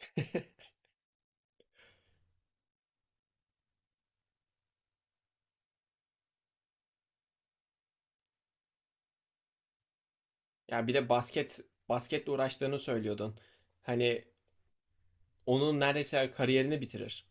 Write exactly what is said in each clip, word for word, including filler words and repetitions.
Ya bir de basket basketle uğraştığını söylüyordun. Hani onun neredeyse kariyerini bitirir.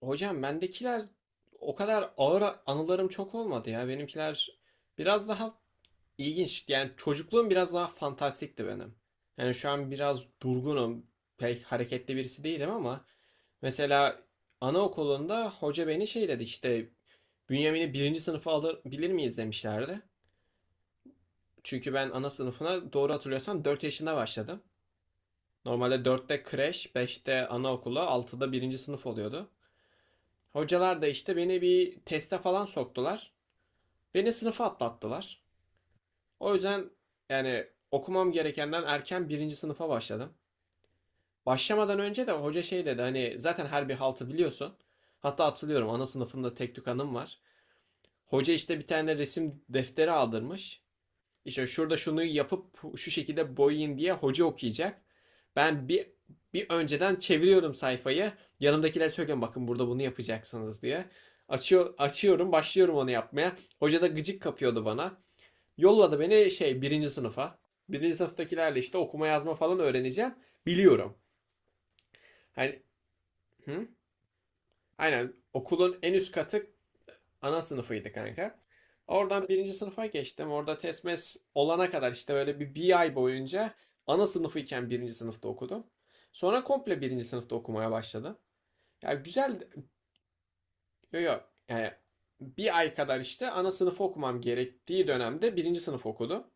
Hocam bendekiler o kadar ağır anılarım çok olmadı ya. Benimkiler biraz daha ilginç. Yani çocukluğum biraz daha fantastikti benim. Yani şu an biraz durgunum. Pek hareketli birisi değilim ama mesela anaokulunda hoca beni şey dedi işte Bünyamin'i birinci sınıfa alabilir miyiz demişlerdi. Çünkü ben ana sınıfına doğru hatırlıyorsam dört yaşında başladım. Normalde dörtte kreş, beşte anaokulu, altıda birinci sınıf oluyordu. Hocalar da işte beni bir teste falan soktular. Beni sınıfa atlattılar. O yüzden yani okumam gerekenden erken birinci sınıfa başladım. Başlamadan önce de hoca şey dedi hani zaten her bir haltı biliyorsun. Hatta hatırlıyorum ana sınıfında tek tük anım var. Hoca işte bir tane resim defteri aldırmış. İşte şurada şunu yapıp şu şekilde boyayın diye hoca okuyacak. Ben bir bir önceden çeviriyorum sayfayı. Yanımdakiler söylüyorum bakın burada bunu yapacaksınız diye. Açıyor, açıyorum, başlıyorum onu yapmaya. Hoca da gıcık kapıyordu bana. Yolladı beni şey birinci sınıfa. Birinci sınıftakilerle işte okuma yazma falan öğreneceğim. Biliyorum. Hani hı? Aynen okulun en üst katı ana sınıfıydı kanka. Oradan birinci sınıfa geçtim. Orada TESMES olana kadar işte böyle bir, bir ay boyunca ana sınıfıyken birinci sınıfta okudum. Sonra komple birinci sınıfta okumaya başladım. Ya güzel, yok, yo yani bir ay kadar işte ana sınıfı okumam gerektiği dönemde birinci sınıf okudum.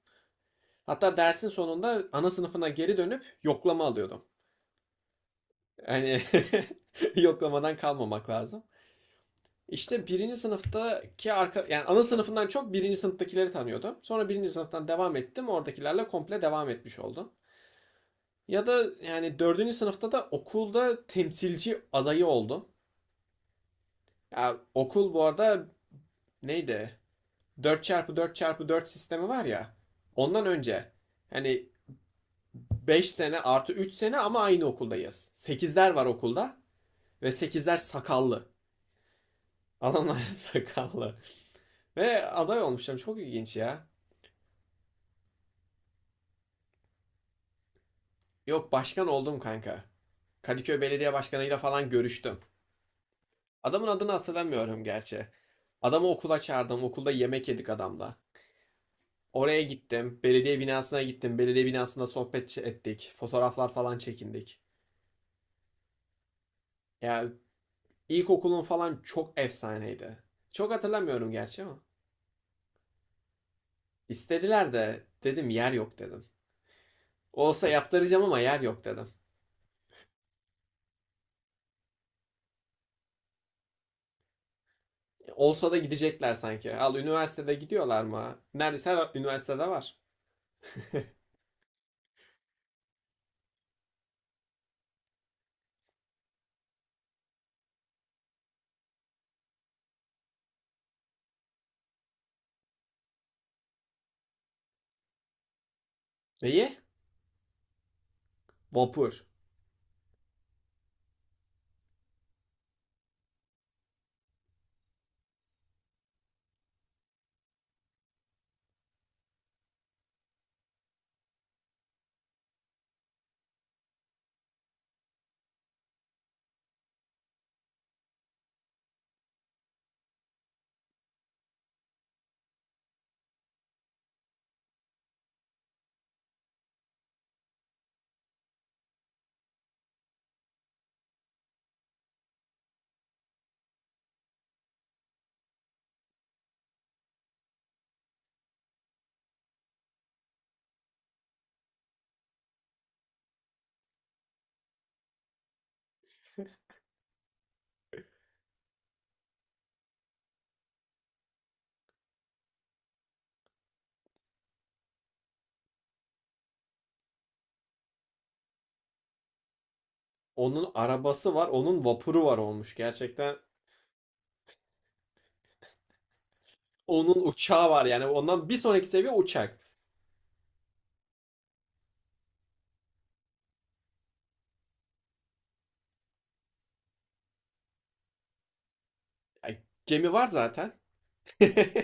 Hatta dersin sonunda ana sınıfına geri dönüp yoklama alıyordum. Yani yoklamadan kalmamak lazım. İşte birinci sınıftaki arka, yani ana sınıfından çok birinci sınıftakileri tanıyordum. Sonra birinci sınıftan devam ettim. Oradakilerle komple devam etmiş oldum. Ya da yani dördüncü sınıfta da okulda temsilci adayı oldum. Ya okul bu arada neydi? Dört çarpı dört çarpı dört sistemi var ya. Ondan önce hani beş sene artı üç sene ama aynı okuldayız. Sekizler var okulda ve sekizler sakallı. Adamlar sakallı. Ve aday olmuşlar. Çok ilginç ya. Yok başkan oldum kanka. Kadıköy Belediye Başkanı'yla falan görüştüm. Adamın adını hatırlamıyorum gerçi. Adamı okula çağırdım. Okulda yemek yedik adamla. Oraya gittim. Belediye binasına gittim. Belediye binasında sohbet ettik. Fotoğraflar falan çekindik. Ya ilkokulun falan çok efsaneydi. Çok hatırlamıyorum gerçi ama. İstediler de dedim yer yok dedim. Olsa yaptıracağım ama yer yok dedim. Olsa da gidecekler sanki. Al üniversitede gidiyorlar mı? Neredeyse her üniversitede var. Neyi? Vapur. Onun arabası var, onun vapuru var olmuş. Gerçekten onun uçağı var. Yani ondan bir sonraki seviye uçak. Ay, gemi var zaten.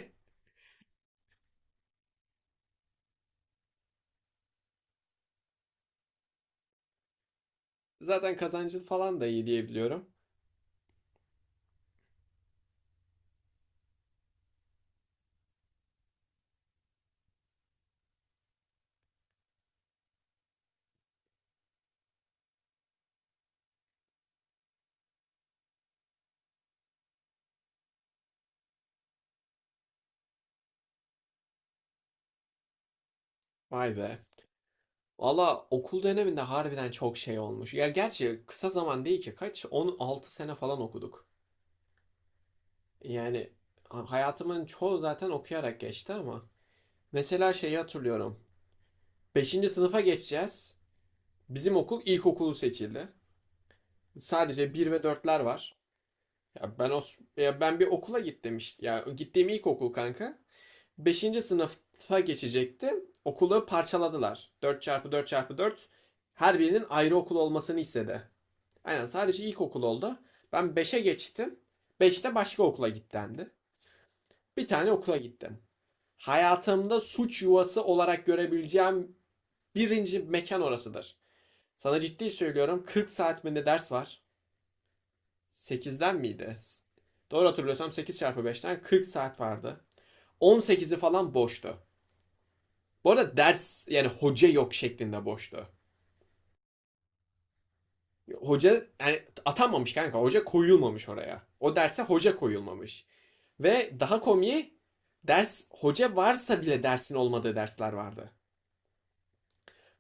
Zaten kazancı falan da iyi diyebiliyorum. Vay be. Valla okul döneminde harbiden çok şey olmuş. Ya gerçi kısa zaman değil ki kaç? On altı sene falan okuduk. Yani hayatımın çoğu zaten okuyarak geçti ama. Mesela şeyi hatırlıyorum. Beşinci sınıfa geçeceğiz. Bizim okul ilkokulu seçildi. Sadece bir ve dörtler var. Ya ben o Ya ben bir okula git demişti. Ya gittiğim ilk okul kanka. Beşinci sınıfa geçecektim. Okulu parçaladılar. Dört çarpı dört çarpı dört. Her birinin ayrı okul olmasını istedi. Aynen sadece ilk okul oldu. Ben beşe geçtim. Beşte başka okula git. Bir tane okula gittim. Hayatımda suç yuvası olarak görebileceğim birinci mekan orasıdır. Sana ciddi söylüyorum kırk saat mi ne ders var. sekizden miydi? Doğru hatırlıyorsam sekiz çarpı beşten kırk saat vardı. on sekizi falan boştu. Bu arada ders yani hoca yok şeklinde boştu. Hoca yani atanmamış kanka. Hoca koyulmamış oraya. O derse hoca koyulmamış. Ve daha komiği ders hoca varsa bile dersin olmadığı dersler vardı.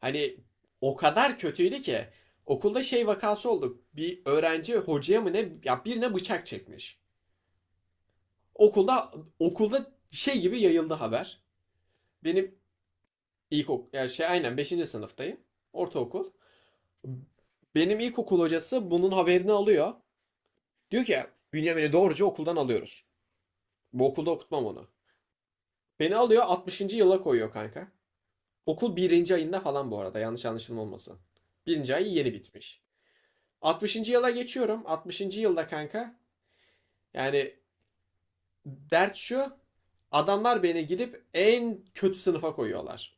Hani o kadar kötüydü ki okulda şey vakası oldu. Bir öğrenci hocaya mı ne ya birine bıçak çekmiş. Okulda okulda şey gibi yayıldı haber. Benim ilkokul yani şey aynen beşinci sınıftayım. Ortaokul. Benim ilkokul hocası bunun haberini alıyor. Diyor ki Bünyamin'i doğruca okuldan alıyoruz. Bu okulda okutmam onu. Beni alıyor altmışıncı yıla koyuyor kanka. Okul birinci ayında falan bu arada yanlış anlaşılma olmasın. birinci ay yeni bitmiş. altmışıncı yıla geçiyorum. altmışıncı yılda kanka yani dert şu adamlar beni gidip en kötü sınıfa koyuyorlar.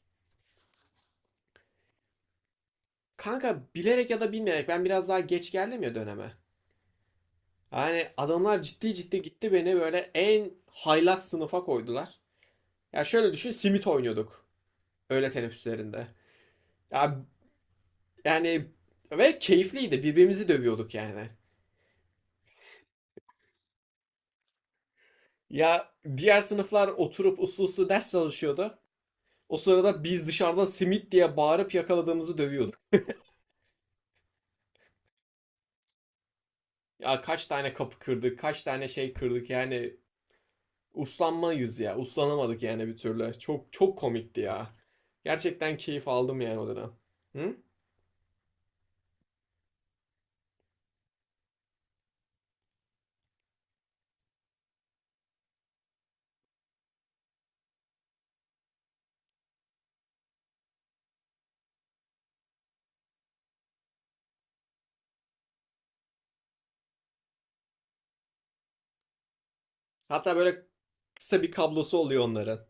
Kanka bilerek ya da bilmeyerek ben biraz daha geç geldim ya döneme. Yani adamlar ciddi ciddi gitti beni böyle en haylaz sınıfa koydular. Ya şöyle düşün simit oynuyorduk öğle teneffüslerinde. Ya yani ve keyifliydi birbirimizi dövüyorduk yani. Ya diğer sınıflar oturup uslu uslu ders çalışıyordu. O sırada biz dışarıda simit diye bağırıp yakaladığımızı dövüyorduk. Ya kaç tane kapı kırdık, kaç tane şey kırdık yani uslanmayız ya. Uslanamadık yani bir türlü. Çok çok komikti ya. Gerçekten keyif aldım yani o dönem. Hı? Hatta böyle kısa bir kablosu oluyor onların.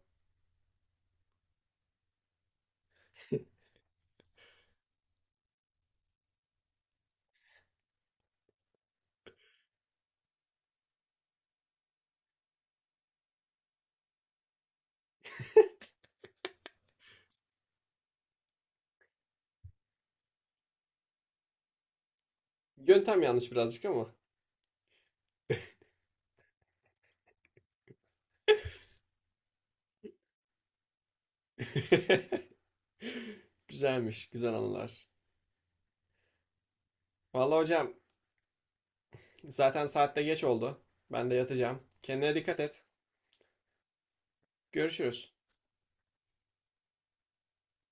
Yöntem yanlış birazcık ama. Güzelmiş, güzel anılar. Vallahi hocam zaten saatte geç oldu. Ben de yatacağım. Kendine dikkat et. Görüşürüz.